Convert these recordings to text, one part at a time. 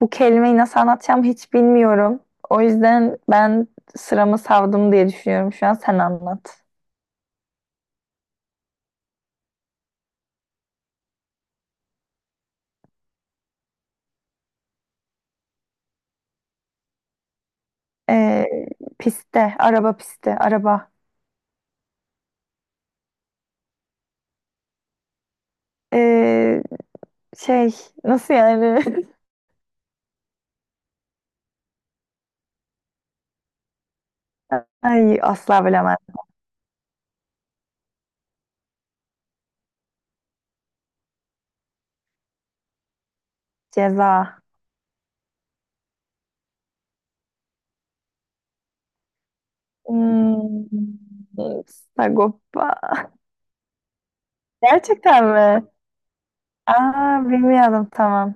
Bu kelimeyi nasıl anlatacağımı hiç bilmiyorum. O yüzden ben sıramı savdım diye düşünüyorum şu an. Sen anlat. Ee, piste, araba pisti, araba. Ee, şey, nasıl yani? Ay asla bilemem. Ceza. Hmm, Sagopa. Gerçekten mi? Aa, bilmiyordum tamam.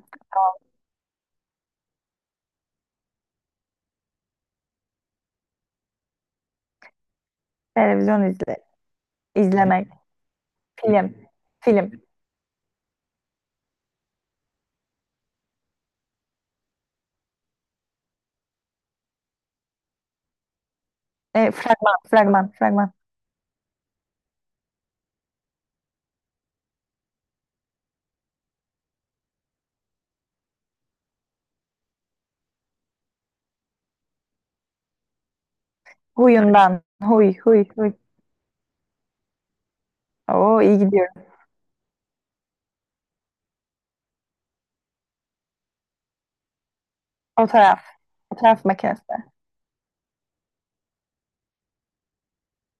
Televizyon izle, izlemek. Film. Film. Fragman, fragman, fragman. Huyundan. Huy, huy, huy. Oo, iyi gidiyorum. Fotoğraf. Fotoğraf makinesi.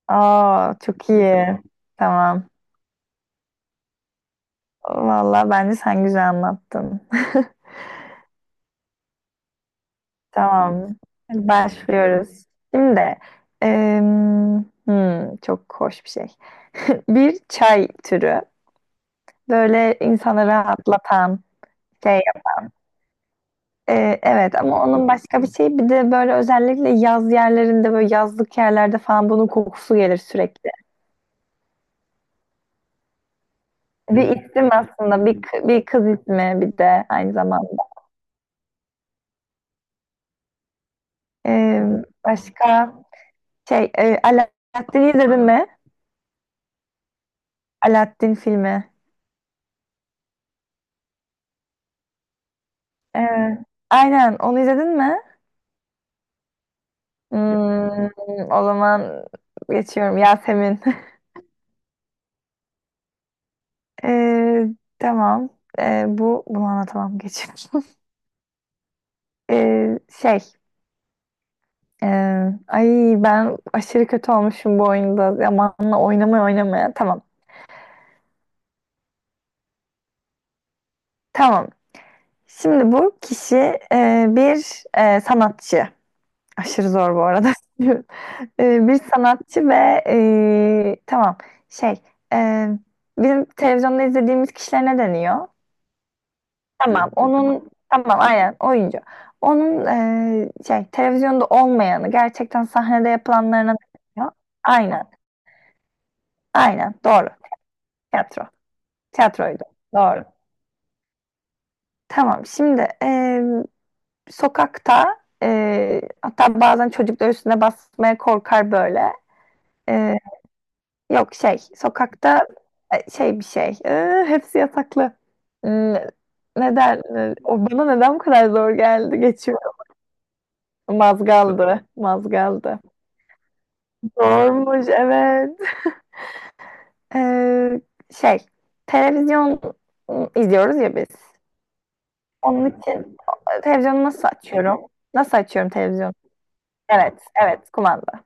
Aa, çok iyi. Tamam. Tamam. Vallahi bence sen güzel anlattın. Tamam. Hadi başlıyoruz. Şimdi çok hoş bir şey. Bir çay türü. Böyle insanı rahatlatan şey. Evet ama onun başka bir şey. Bir de böyle özellikle yaz yerlerinde böyle yazlık yerlerde falan bunun kokusu gelir sürekli. Bir isim aslında, bir kız ismi bir de aynı zamanda. Ee, başka şey, Aladdin'i izledin mi? Aladdin filmi. Ee, aynen, onu izledin mi? Hmm, o zaman geçiyorum. Yasemin. Ee, tamam. Bu bunu anlatamam geçiyorum. Ee, şey, e, ay ben aşırı kötü olmuşum bu oyunda. Zamanla oynamaya oynamaya. Tamam. Tamam. Şimdi bu kişi bir sanatçı. Aşırı zor bu arada. Bir sanatçı ve tamam şey e, bizim televizyonda izlediğimiz kişiler ne deniyor? Tamam onun tamam aynen oyuncu. Onun şey televizyonda olmayanı gerçekten sahnede yapılanlarına ne deniyor? Aynen, aynen doğru. Tiyatro. Tiyatroydu. Doğru. Tamam şimdi sokakta hatta bazen çocuklar üstüne basmaya korkar böyle. E, yok şey sokakta şey bir şey. Hepsi yasaklı. N- Neden? O bana neden bu kadar zor geldi? Geçiyor. Mazgaldı. Mazgaldı. Zormuş, evet. E, şey televizyon izliyoruz ya biz. Onun için televizyonu nasıl açıyorum? Nasıl açıyorum televizyonu? Evet, evet, kumanda.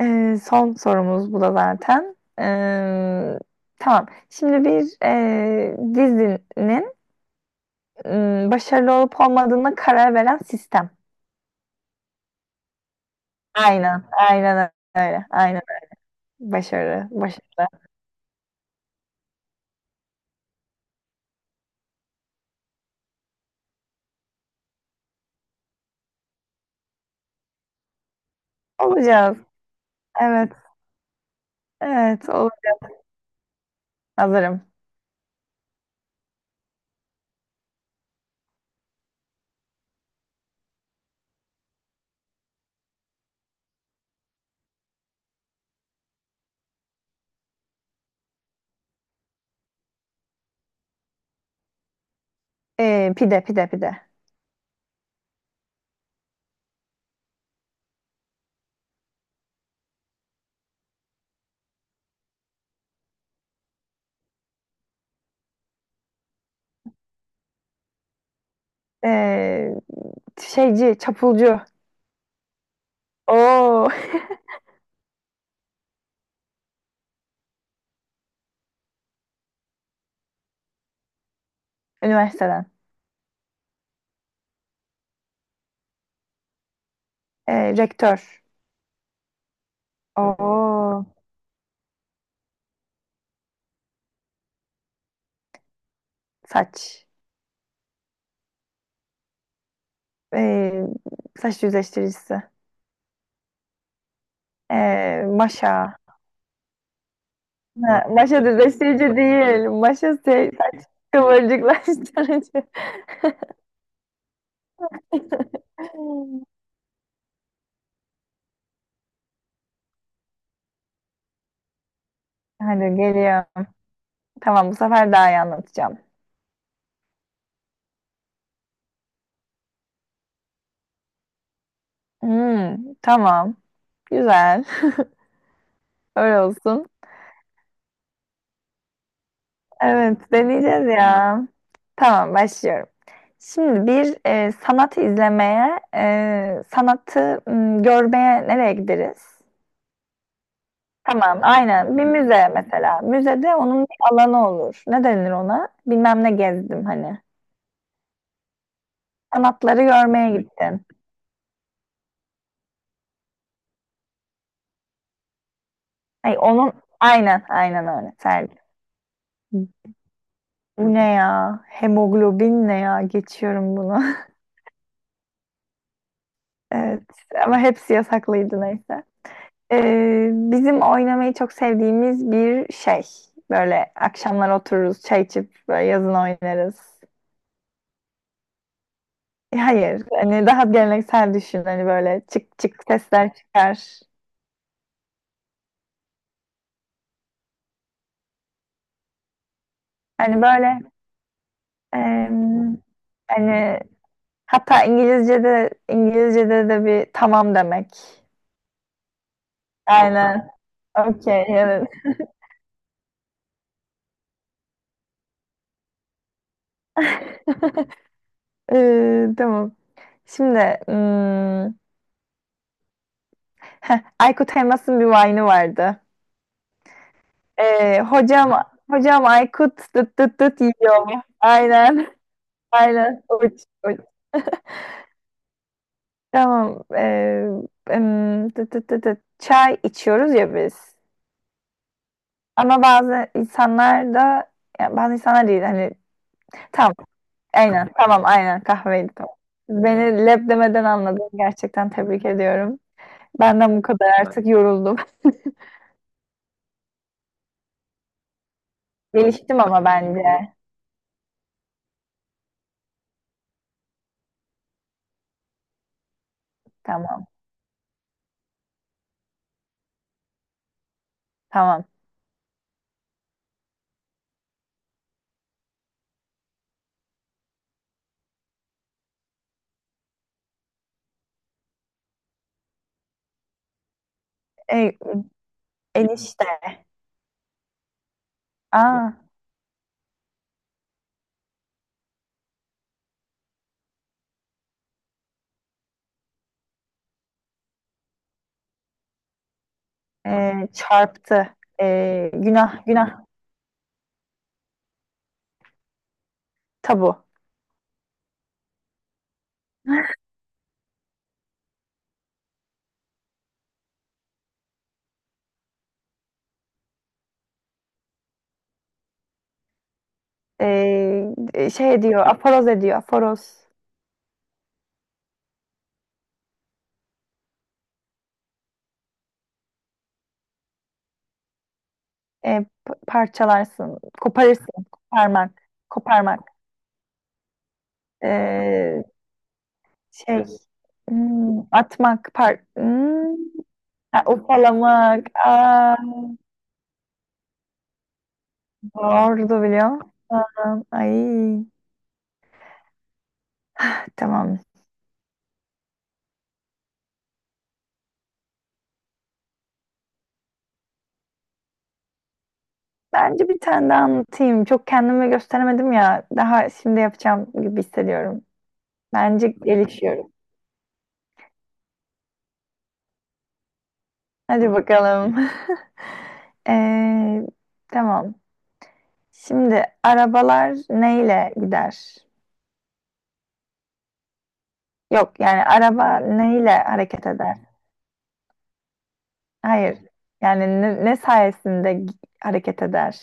Son sorumuz bu da zaten. Tamam. Şimdi bir dizinin başarılı olup olmadığına karar veren sistem. Aynen, aynen öyle. Aynen. Başarı, başarılı olacağız. Evet, evet. Olur. Hazırım. Pide, pide, pide. Ee, şeyci, çapulcu. Oo. Üniversiteden. Rektör. Oo. Saç. Ee, saç düzleştiricisi. Maşa. Ha, maşa düzleştirici değil. Maşa saç kıvırcıklaştırıcı. Hadi geliyor. Tamam, bu sefer daha iyi anlatacağım. Tamam. Güzel. Öyle olsun. Evet deneyeceğiz ya. Tamam başlıyorum. Şimdi bir sanatı izlemeye, sanatı görmeye nereye gideriz? Tamam, aynen. Bir müze mesela. Müzede onun bir alanı olur. Ne denir ona? Bilmem ne gezdim hani. Sanatları görmeye sergi gittin. Ay, onun aynen, aynen öyle. Sergi. Bu ne ya? Hemoglobin ne ya? Geçiyorum bunu. Evet. Ama hepsi yasaklıydı neyse. Bizim oynamayı çok sevdiğimiz bir şey. Böyle akşamlar otururuz, çay içip böyle yazın oynarız. Hayır, hani daha geleneksel düşün. Hani böyle çık çık sesler çıkar. Hani böyle em, hani hatta İngilizce'de İngilizce'de de bir tamam demek. Aynen. Okey, evet. Tamam. Şimdi hmm, Aykut Elmas'ın bir vine'ı vardı. Hocam hocam Aykut dıt dıt dıt yiyor mu? Aynen. Aynen. Uç, uç. Tamam. Dıt dıt dıt dıt. Çay içiyoruz ya biz. Ama bazı insanlar da ya bazı insanlar değil hani tamam aynen tamam aynen kahveydi tamam. Beni leb demeden anladın. Gerçekten tebrik ediyorum. Benden bu kadar, artık yoruldum. Geliştim ama bence. Tamam, tamam. E, enişte. Aa, çarptı. Günah, günah, tabu. E, şey diyor, aforoz ediyor, aforoz. Parçalarsın, koparırsın, koparmak, koparmak. E, Biraz atmak, ha, ufalamak. Aa, doğru biliyor musun? Ay, tamam. Bence bir tane daha anlatayım. Çok kendimi gösteremedim ya. Daha şimdi yapacağım gibi hissediyorum. Bence gelişiyorum. Hadi bakalım. Ee, tamam. Şimdi arabalar neyle gider? Yok yani araba neyle hareket eder? Hayır. Yani ne sayesinde hareket eder?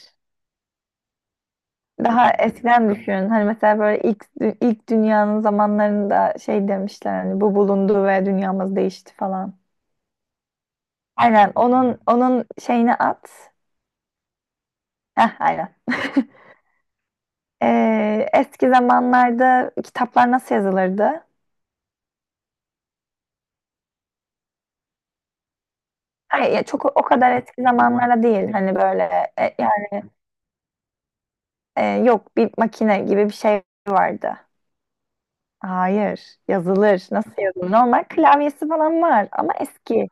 Daha eskiden düşün. Hani mesela böyle ilk dünyanın zamanlarında şey demişler hani bu bulundu ve dünyamız değişti falan. Aynen onun şeyini at. Heh, aynen. Eski zamanlarda kitaplar nasıl yazılırdı? Hayır, ya çok o kadar eski zamanlarda değil. Hani böyle yani e, yok bir makine gibi bir şey vardı. Hayır, yazılır. Nasıl yazılır? Normal klavyesi falan var ama eski.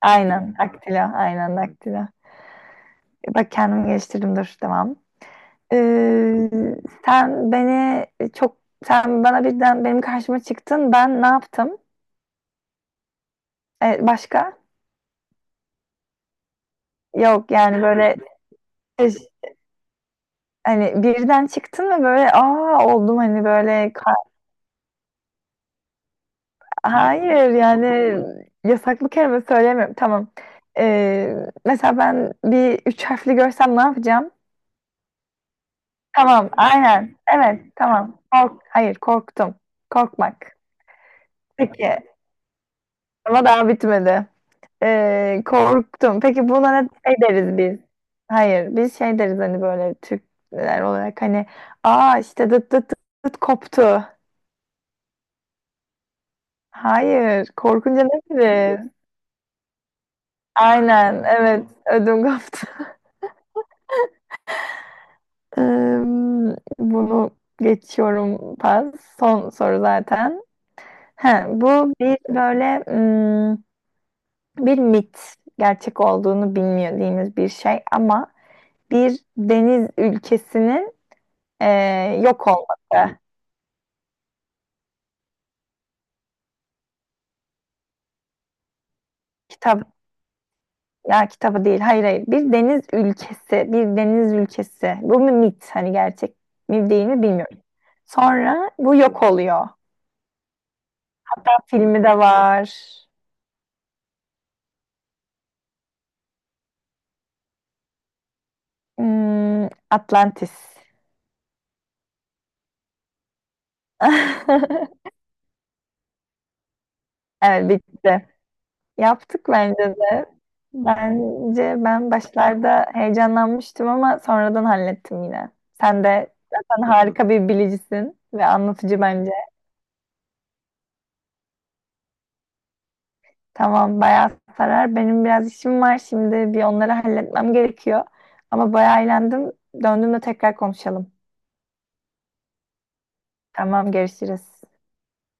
Aynen, daktilo, aynen daktilo. Bak kendimi geliştirdim, dur, devam. Ee, sen beni çok, sen bana birden benim karşıma çıktın, ben ne yaptım? Başka? Yok yani böyle hani birden çıktın ve böyle aa oldum hani böyle hayır yani yasaklı kelime söylemiyorum tamam. Ee, mesela ben bir üç harfli görsem ne yapacağım? Tamam, aynen. Evet, tamam. Kork, hayır, korktum. Korkmak. Peki, ama daha bitmedi. Korktum. Peki buna ne şey deriz biz? Hayır, biz şey deriz hani böyle Türkler olarak hani aa işte dıt dıt dıt, dıt koptu. Hayır, korkunca ne deriz? Aynen, evet. Ödüm koptu. Ee, bunu geçiyorum, pas. Son soru zaten. He, bu bir böyle bir mit, gerçek olduğunu bilmediğimiz bir şey ama bir deniz ülkesinin yok olması. Kitap ya kitabı değil, hayır, hayır. Bir deniz ülkesi, bir deniz ülkesi. Bu bir mit, hani gerçek mi değil mi bilmiyorum. Sonra bu yok oluyor. Hatta filmi de var. Hmm, Atlantis. Evet, bitti. Yaptık bence de. Bence ben başlarda heyecanlanmıştım ama sonradan hallettim yine. Sen de zaten harika bir bilicisin ve anlatıcı bence. Tamam, bayağı sarar. Benim biraz işim var şimdi, bir onları halletmem gerekiyor. Ama bayağı eğlendim. Döndüğümde tekrar konuşalım. Tamam, görüşürüz.